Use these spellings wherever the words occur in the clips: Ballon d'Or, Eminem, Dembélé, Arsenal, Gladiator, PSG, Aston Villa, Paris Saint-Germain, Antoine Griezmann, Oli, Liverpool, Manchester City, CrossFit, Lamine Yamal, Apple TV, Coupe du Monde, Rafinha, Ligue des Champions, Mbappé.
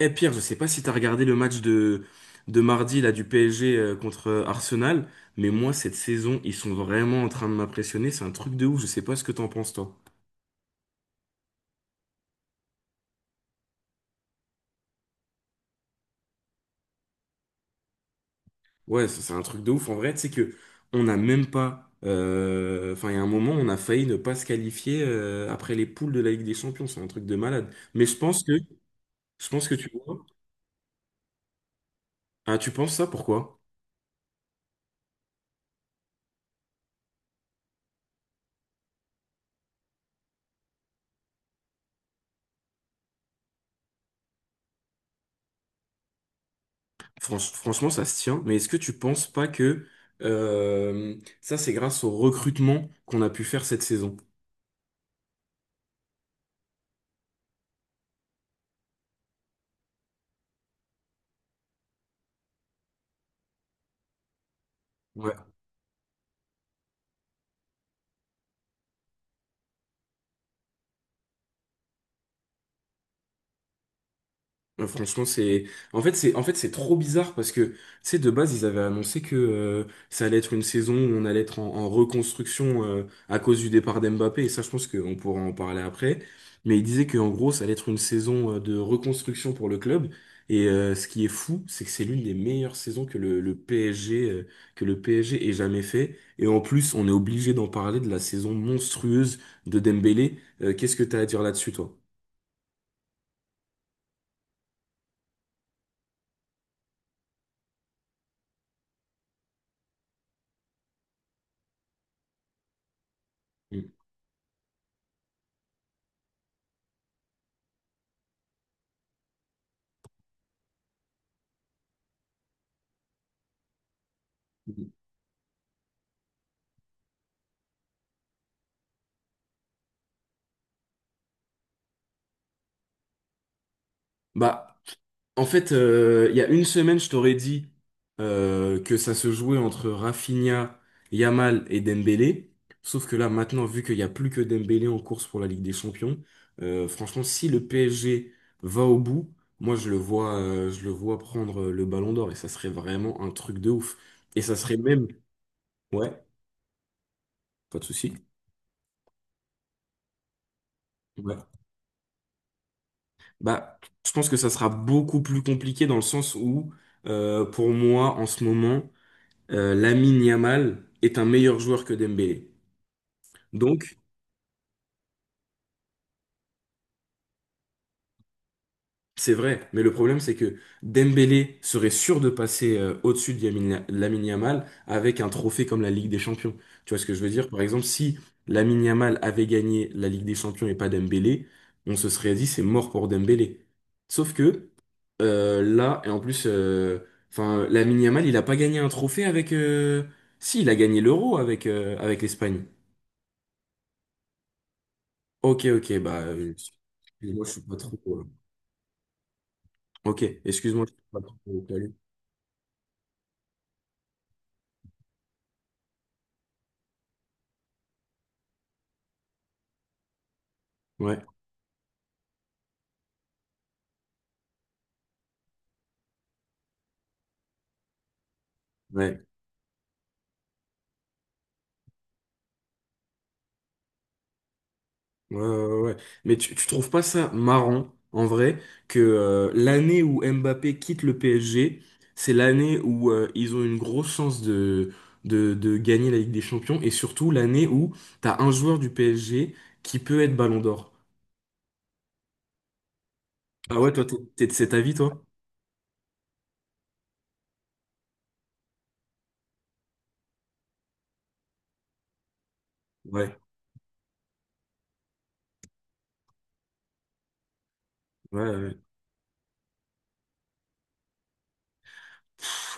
Eh Pierre, je sais pas si tu as regardé le match de mardi là, du PSG contre Arsenal, mais moi cette saison, ils sont vraiment en train de m'impressionner. C'est un truc de ouf, je sais pas ce que t'en penses toi. Ouais, ça, c'est un truc de ouf. En vrai, tu sais que on n'a même pas. Enfin, il y a un moment, on a failli ne pas se qualifier après les poules de la Ligue des Champions. C'est un truc de malade. Mais je pense que tu vois. Ah, tu penses ça, pourquoi? Franchement, ça se tient. Mais est-ce que tu penses pas que ça, c'est grâce au recrutement qu'on a pu faire cette saison? Ouais. Franchement, c'est en fait c'est trop bizarre parce que tu sais de base ils avaient annoncé que ça allait être une saison où on allait être en reconstruction à cause du départ d'Mbappé, et ça je pense qu'on pourra en parler après, mais ils disaient que en gros ça allait être une saison de reconstruction pour le club et ce qui est fou c'est que c'est l'une des meilleures saisons que le PSG que le PSG ait jamais fait, et en plus on est obligé d'en parler de la saison monstrueuse de Dembélé. Qu'est-ce que t'as à dire là-dessus toi? Mm. Bah en fait, il y a une semaine, je t'aurais dit que ça se jouait entre Rafinha, Yamal et Dembélé. Sauf que là, maintenant, vu qu'il n'y a plus que Dembélé en course pour la Ligue des Champions, franchement, si le PSG va au bout, moi, je le vois prendre le Ballon d'Or, et ça serait vraiment un truc de ouf. Et ça serait même, ouais, pas de souci. Ouais. Bah, je pense que ça sera beaucoup plus compliqué dans le sens où, pour moi, en ce moment. Lamine Yamal est un meilleur joueur que Dembélé. Donc, c'est vrai, mais le problème, c'est que Dembélé serait sûr de passer au-dessus de Lamine Yamal avec un trophée comme la Ligue des Champions. Tu vois ce que je veux dire? Par exemple, si Lamine Yamal avait gagné la Ligue des Champions et pas Dembélé, on se serait dit c'est mort pour Dembélé. Sauf que là, et en plus, enfin, Lamine Yamal, il n'a pas gagné un trophée avec. Si, il a gagné l'Euro avec, avec l'Espagne. Ok, ok, bah, excuse-moi, je suis pas trop. Ok, excuse-moi, je suis pas trop calé. Ouais, ouais, ouais, ouais. Ouais. Mais tu trouves pas ça marrant, en vrai, que l'année où Mbappé quitte le PSG, c'est l'année où ils ont une grosse chance de gagner la Ligue des Champions, et surtout l'année où t'as un joueur du PSG qui peut être Ballon d'Or. Ah ouais, toi, t'es de cet avis, toi? Ouais, ouais, ouais.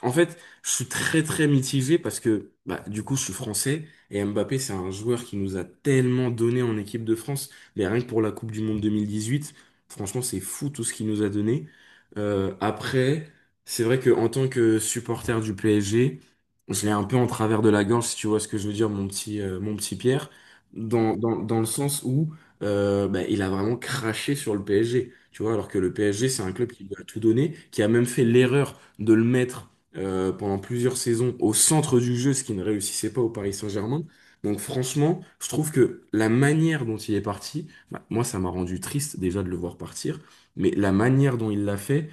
En fait, je suis très très mitigé parce que bah, du coup je suis français et Mbappé c'est un joueur qui nous a tellement donné en équipe de France, mais rien que pour la Coupe du Monde 2018, franchement c'est fou tout ce qu'il nous a donné. Après, c'est vrai que en tant que supporter du PSG, je l'ai un peu en travers de la gorge si tu vois ce que je veux dire mon petit Pierre, dans le sens où bah, il a vraiment craché sur le PSG, tu vois, alors que le PSG c'est un club qui lui a tout donné, qui a même fait l'erreur de le mettre pendant plusieurs saisons au centre du jeu, ce qui ne réussissait pas au Paris Saint-Germain. Donc franchement, je trouve que la manière dont il est parti, bah, moi ça m'a rendu triste déjà de le voir partir, mais la manière dont il l'a fait,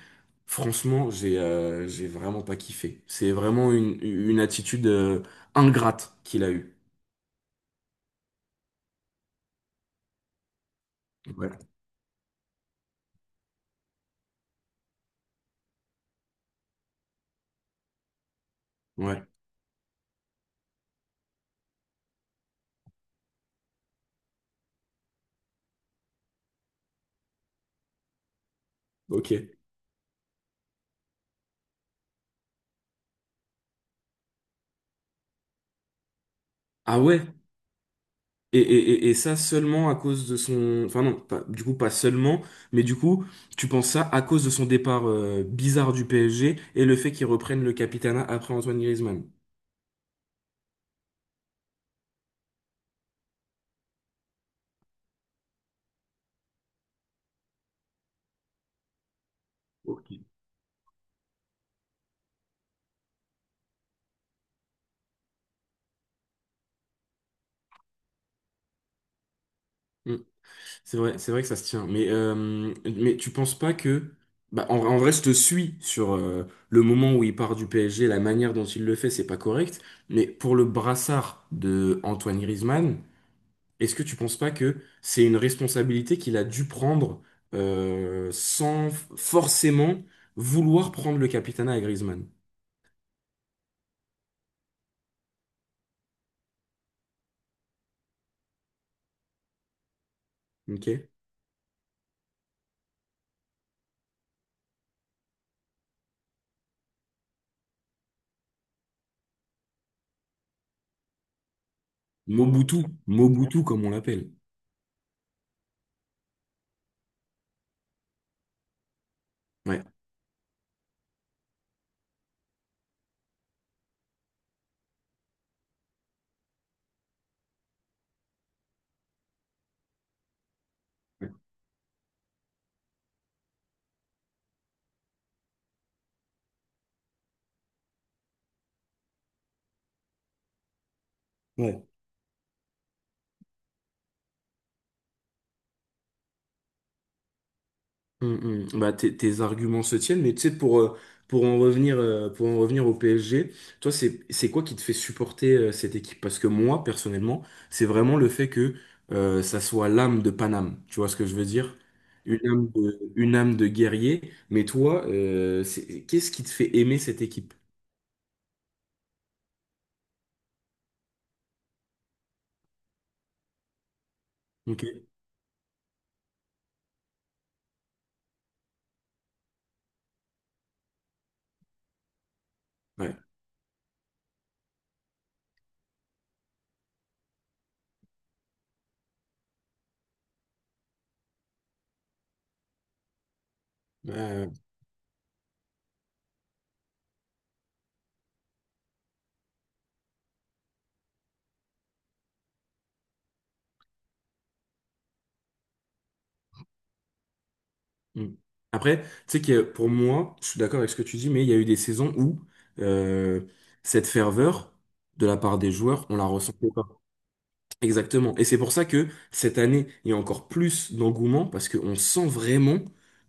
franchement, j'ai vraiment pas kiffé. C'est vraiment une attitude ingrate qu'il a eue. Ouais. Ouais. Ok. Ah ouais? Et ça seulement à cause de son... Enfin non, pas- du coup pas seulement, mais du coup tu penses ça à cause de son départ bizarre du PSG et le fait qu'il reprenne le capitanat après Antoine Griezmann. Ok. Mm. C'est vrai que ça se tient. Mais tu penses pas que... Bah, en vrai, je te suis sur le moment où il part du PSG, la manière dont il le fait, c'est pas correct. Mais pour le brassard de Antoine Griezmann, est-ce que tu penses pas que c'est une responsabilité qu'il a dû prendre sans forcément vouloir prendre le capitanat à Griezmann? Ok? Mobutu, Mobutu comme on l'appelle. Ouais. Ouais. Mm, mm. Bah, tes arguments se tiennent, mais tu sais, pour en revenir au PSG, toi, c'est quoi qui te fait supporter cette équipe? Parce que moi, personnellement, c'est vraiment le fait que ça soit l'âme de Paname. Tu vois ce que je veux dire? Une âme de guerrier. Mais toi, c'est- qu'est-ce qui te fait aimer cette équipe? Ok. Ouais. Ouais, ouais, ouais. Mm. Après, tu sais que pour moi, je suis d'accord avec ce que tu dis, mais il y a eu des saisons où euh, cette ferveur de la part des joueurs, on la ressentait pas. Exactement. Et c'est pour ça que cette année, il y a encore plus d'engouement parce qu'on sent vraiment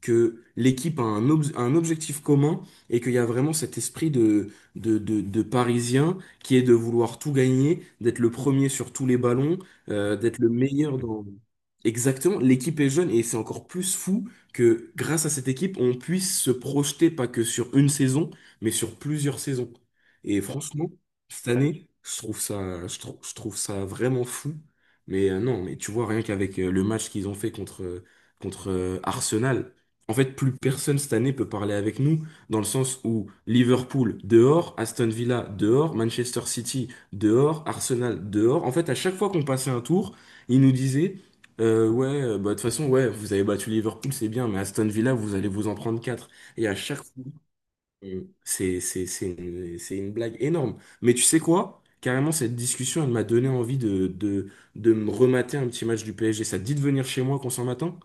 que l'équipe a un, ob- un objectif commun et qu'il y a vraiment cet esprit de Parisien qui est de vouloir tout gagner, d'être le premier sur tous les ballons, d'être le meilleur. Exactement, l'équipe est jeune et c'est encore plus fou que grâce à cette équipe, on puisse se projeter pas que sur une saison, mais sur plusieurs saisons. Et franchement, cette année, je trouve ça, je trouve ça vraiment fou. Mais non, mais tu vois, rien qu'avec le match qu'ils ont fait contre, Arsenal, en fait, plus personne cette année peut parler avec nous, dans le sens où Liverpool dehors, Aston Villa dehors, Manchester City dehors, Arsenal dehors. En fait, à chaque fois qu'on passait un tour, ils nous disaient ouais, bah, de toute façon, ouais, vous avez battu Liverpool, c'est bien, mais Aston Villa, vous allez vous en prendre 4. Et à chaque fois, c'est c'est une blague énorme. Mais tu sais quoi? Carrément, cette discussion, elle m'a donné envie de me remater un petit match du PSG. Ça te dit de venir chez moi qu'on s'en matin?